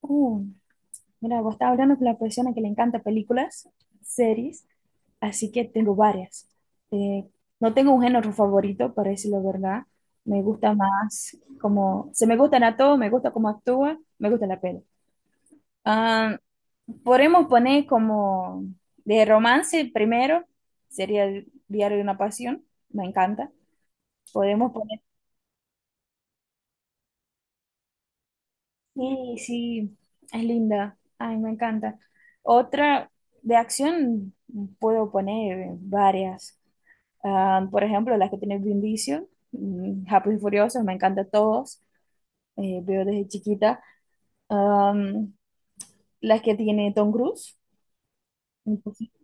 Uh, mira, vos estás hablando con la persona que le encanta películas, series, así que tengo varias. Eh, no tengo un género favorito, para decirlo la verdad. Me gusta más como, se me gustan a todos, me gusta cómo actúa, me gusta la peli. Ah, podemos poner como de romance primero, sería el Diario de una Pasión, me encanta. Podemos sí, sí, es linda. Ay, me encanta. Otra de acción puedo poner varias. Ah, por ejemplo, las que tiene Vin Diesel, Rápidos y Furiosos, me encantan todos. Veo desde chiquita. Am, las que tiene Tom Cruise, imposible.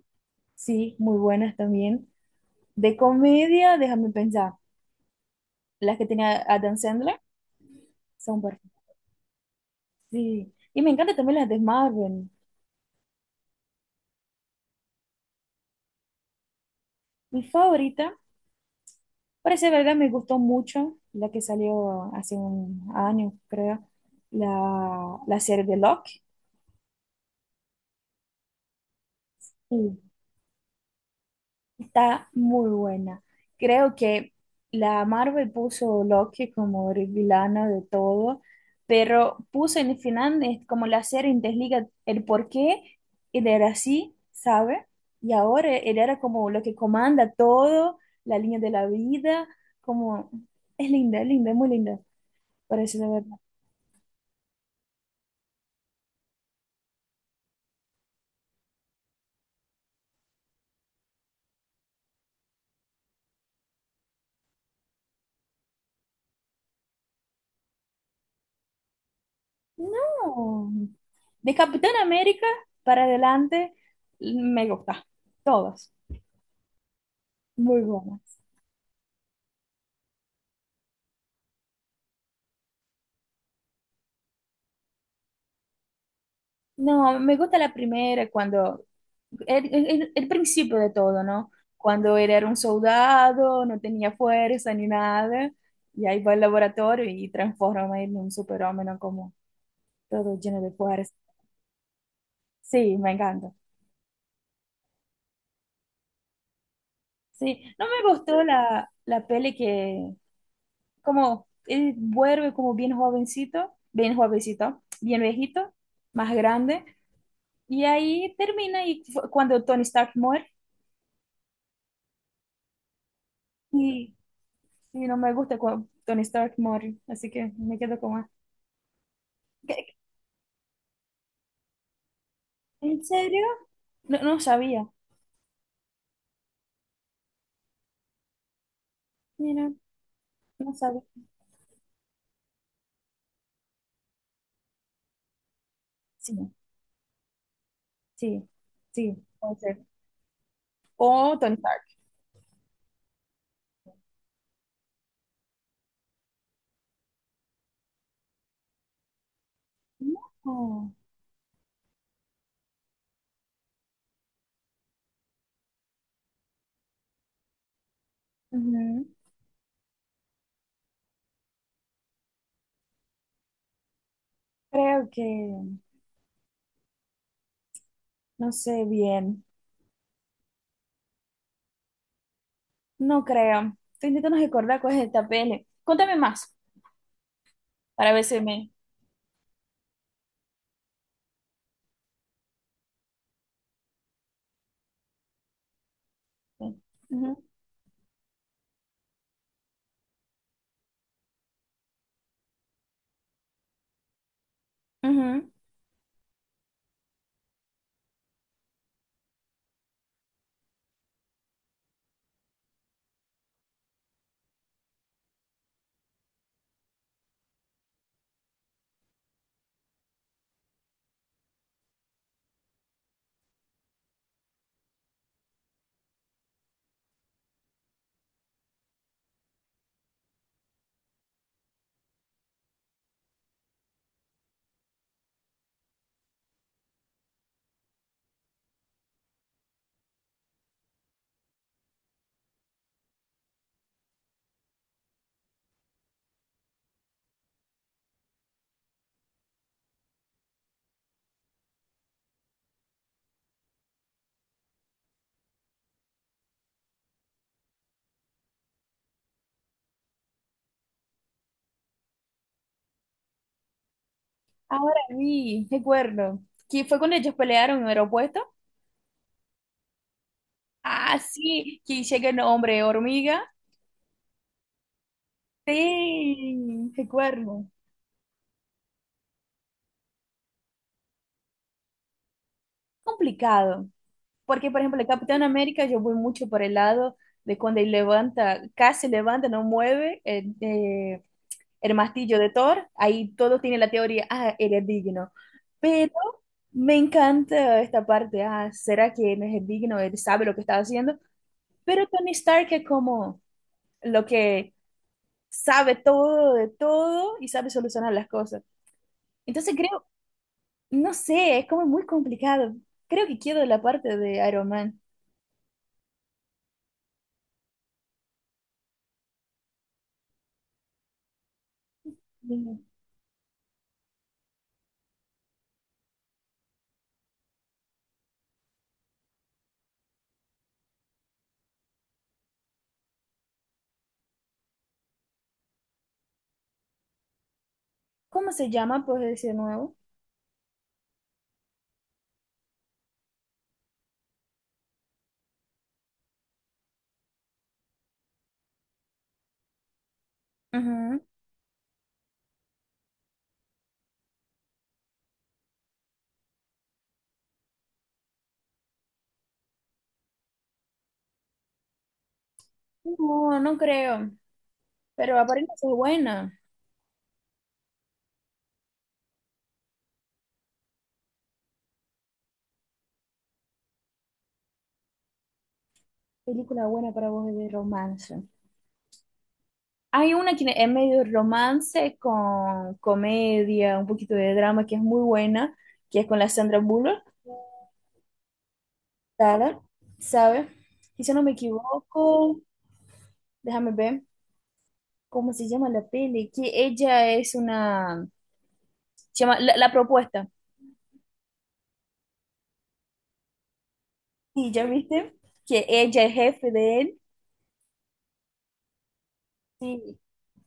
Sí, muy buenas también. De comedia, déjame pensar. Las que tiene Adam Sandler son perfectas. Sí. Y me encantan también las de Marvel. Mi favorita. Parece verdad, me gustó mucho la que salió hace un año, creo, la serie de Loki. Sí, está muy buena. Creo que la Marvel puso Loki como el villano de todo, pero puso en el final es como la serie interliga el por qué él era así, ¿sabe? Y ahora él era como lo que comanda todo, la línea de la vida, como es linda, es linda, es muy linda, parece de verdad. No. De Capitán América para adelante, me gusta. Todas. Muy buenas. No, me gusta la primera cuando, el principio de todo, ¿no? Cuando él era un soldado, no tenía fuerza ni nada, y ahí va al laboratorio y transforma en un superhombre, ¿no? Como todo lleno de fuerza. Sí, me encanta. Sí, no me gustó la peli que, como él vuelve como bien jovencito, bien jovencito, bien viejito, más grande, y ahí termina y cuando Tony Stark muere, y, y no me gusta cuando Tony Stark muere, así que me quedo como, ah, ¿qué- ¿qué? ¿En serio? No, no sabía, mira, no sabía, sí, sí, sí, puede ser. O Tony Stark. No, ujú. Creo que, no sé bien, no creo. Estoy intentando recordar cuál es esta peli. Contame más, para ver si me... Ujú, ujú. Ahora sí, recuerdo. Que fue cuando ellos pelearon en el aeropuerto. Ah, sí, que llega el hombre hormiga. Sí, recuerdo. Complicado. Porque, por ejemplo, el Capitán América, yo voy mucho por el lado de cuando él levanta, casi levanta, no mueve el martillo de Thor. Ahí todos tienen la teoría, ah, él es digno. Pero me encanta esta parte. Ah, ¿será que no es digno? Él sabe lo que está haciendo. Pero Tony Stark es como lo que sabe todo de todo y sabe solucionar las cosas. Entonces creo, no sé, es como muy complicado. Creo que quiero la parte de Iron Man. ¿Cómo se llama? Pues decir nuevo. Ujú. No, no creo. Pero aparentemente es buena. Película buena para vos de romance. Hay una que es medio romance con comedia, un poquito de drama que es muy buena, que es con la Sandra Bullock. Sara, ¿sabe? Y si no me equivoco, déjame ver cómo se llama la peli, que ella es una, se llama La Propuesta. Y ya viste que ella es jefe de él. Sí.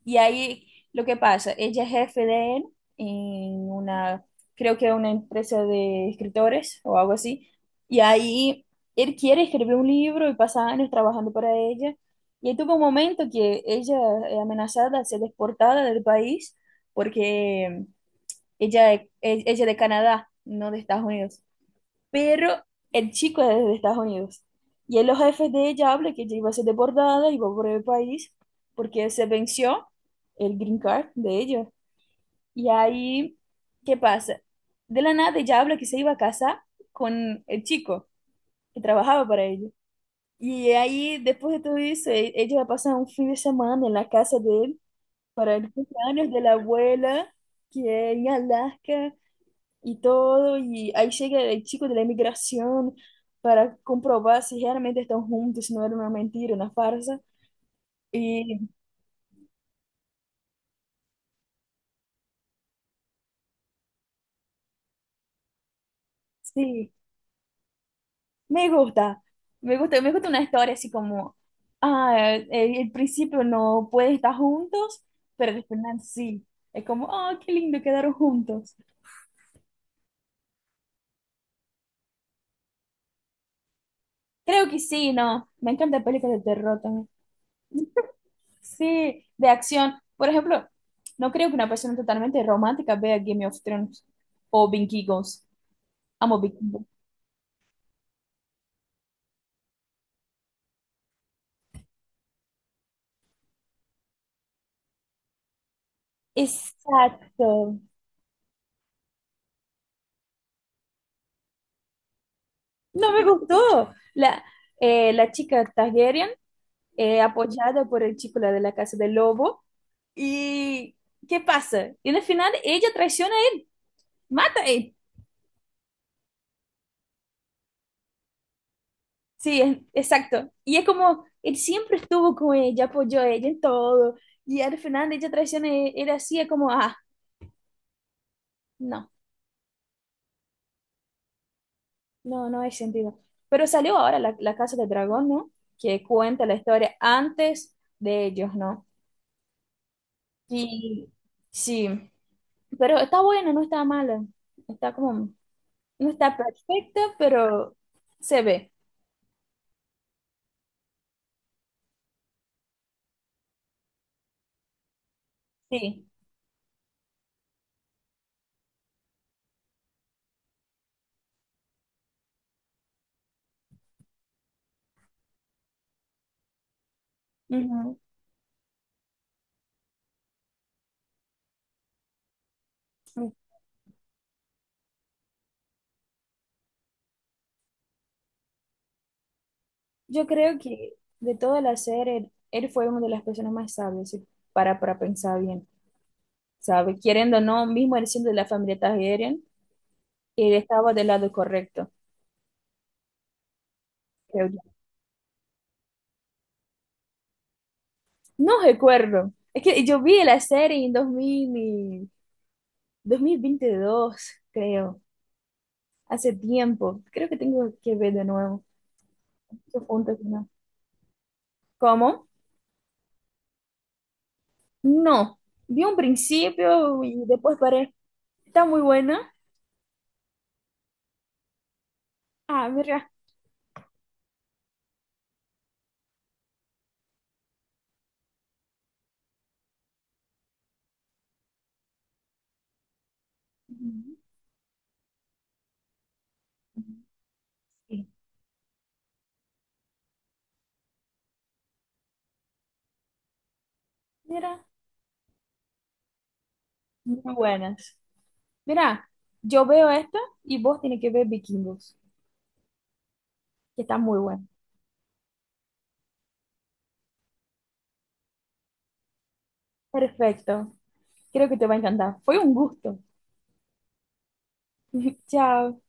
Y ahí lo que pasa, ella es jefe de él en una, creo que una empresa de escritores o algo así. Y ahí él quiere escribir un libro y pasa años trabajando para ella. Y ahí tuvo un momento que ella es amenazada de ser exportada del país porque ella, ella es de Canadá, no de Estados Unidos. Pero el chico es de Estados Unidos. Y en los jefes de ella habla que ella iba a ser deportada, iba a por el país, porque se venció el green card de ella. Y ahí, ¿qué pasa? De la nada ella habla que se iba a casar con el chico que trabajaba para ella. Y ahí, después de todo eso, ella va a pasar un fin de semana en la casa de él para el cumpleaños de la abuela, que es en Alaska y todo, y ahí llega el chico de la inmigración para comprobar si realmente están juntos, si no era una mentira, una farsa. Y sí, me gusta, me gusta, me gusta una historia así como, ah, el principio no pueden estar juntos, pero al final sí. Es como, oh, qué lindo, quedaron juntos. Creo que sí, no, me encantan películas de terror también. Sí, de acción. Por ejemplo, no creo que una persona totalmente romántica vea Game of Thrones o Vikingos. Amo Big Bang. Exacto. No me gustó. La, la chica Targaryen, apoyada por el chico la de la casa del lobo. ¿Y qué pasa? Y al final ella traiciona a él, mata a él. Sí, exacto. Y es como, él siempre estuvo con ella, apoyó a ella en todo. Y al final ella traiciona a él. Era así, es como, ah, no, no, no hay sentido. Pero salió ahora la Casa del Dragón, ¿no? Que cuenta la historia antes de ellos, ¿no? Sí, sí, pero está buena, no está mala. Está como, no está perfecta, pero se ve. Sí. Ujú. Yo creo que de toda la serie, él fue una de las personas más sabias, si para pensar bien, ¿sabe? Queriendo o no, mismo él siendo de la familia Targaryen, él estaba del lado correcto, creo yo. No recuerdo. Es que yo vi la serie en 2000 y 2022 creo, hace tiempo. Creo que tengo que ver de nuevo. Su punto final. ¿Cómo? No. Vi un principio y después paré. Está muy buena. Ah, mira. Ujú, ujú. Sí. Mira, muy buenas. Mira, yo veo esta y vos tienes que ver Vikingos, que está muy buena. Perfecto. Creo que te va a encantar. Fue un gusto. Chao.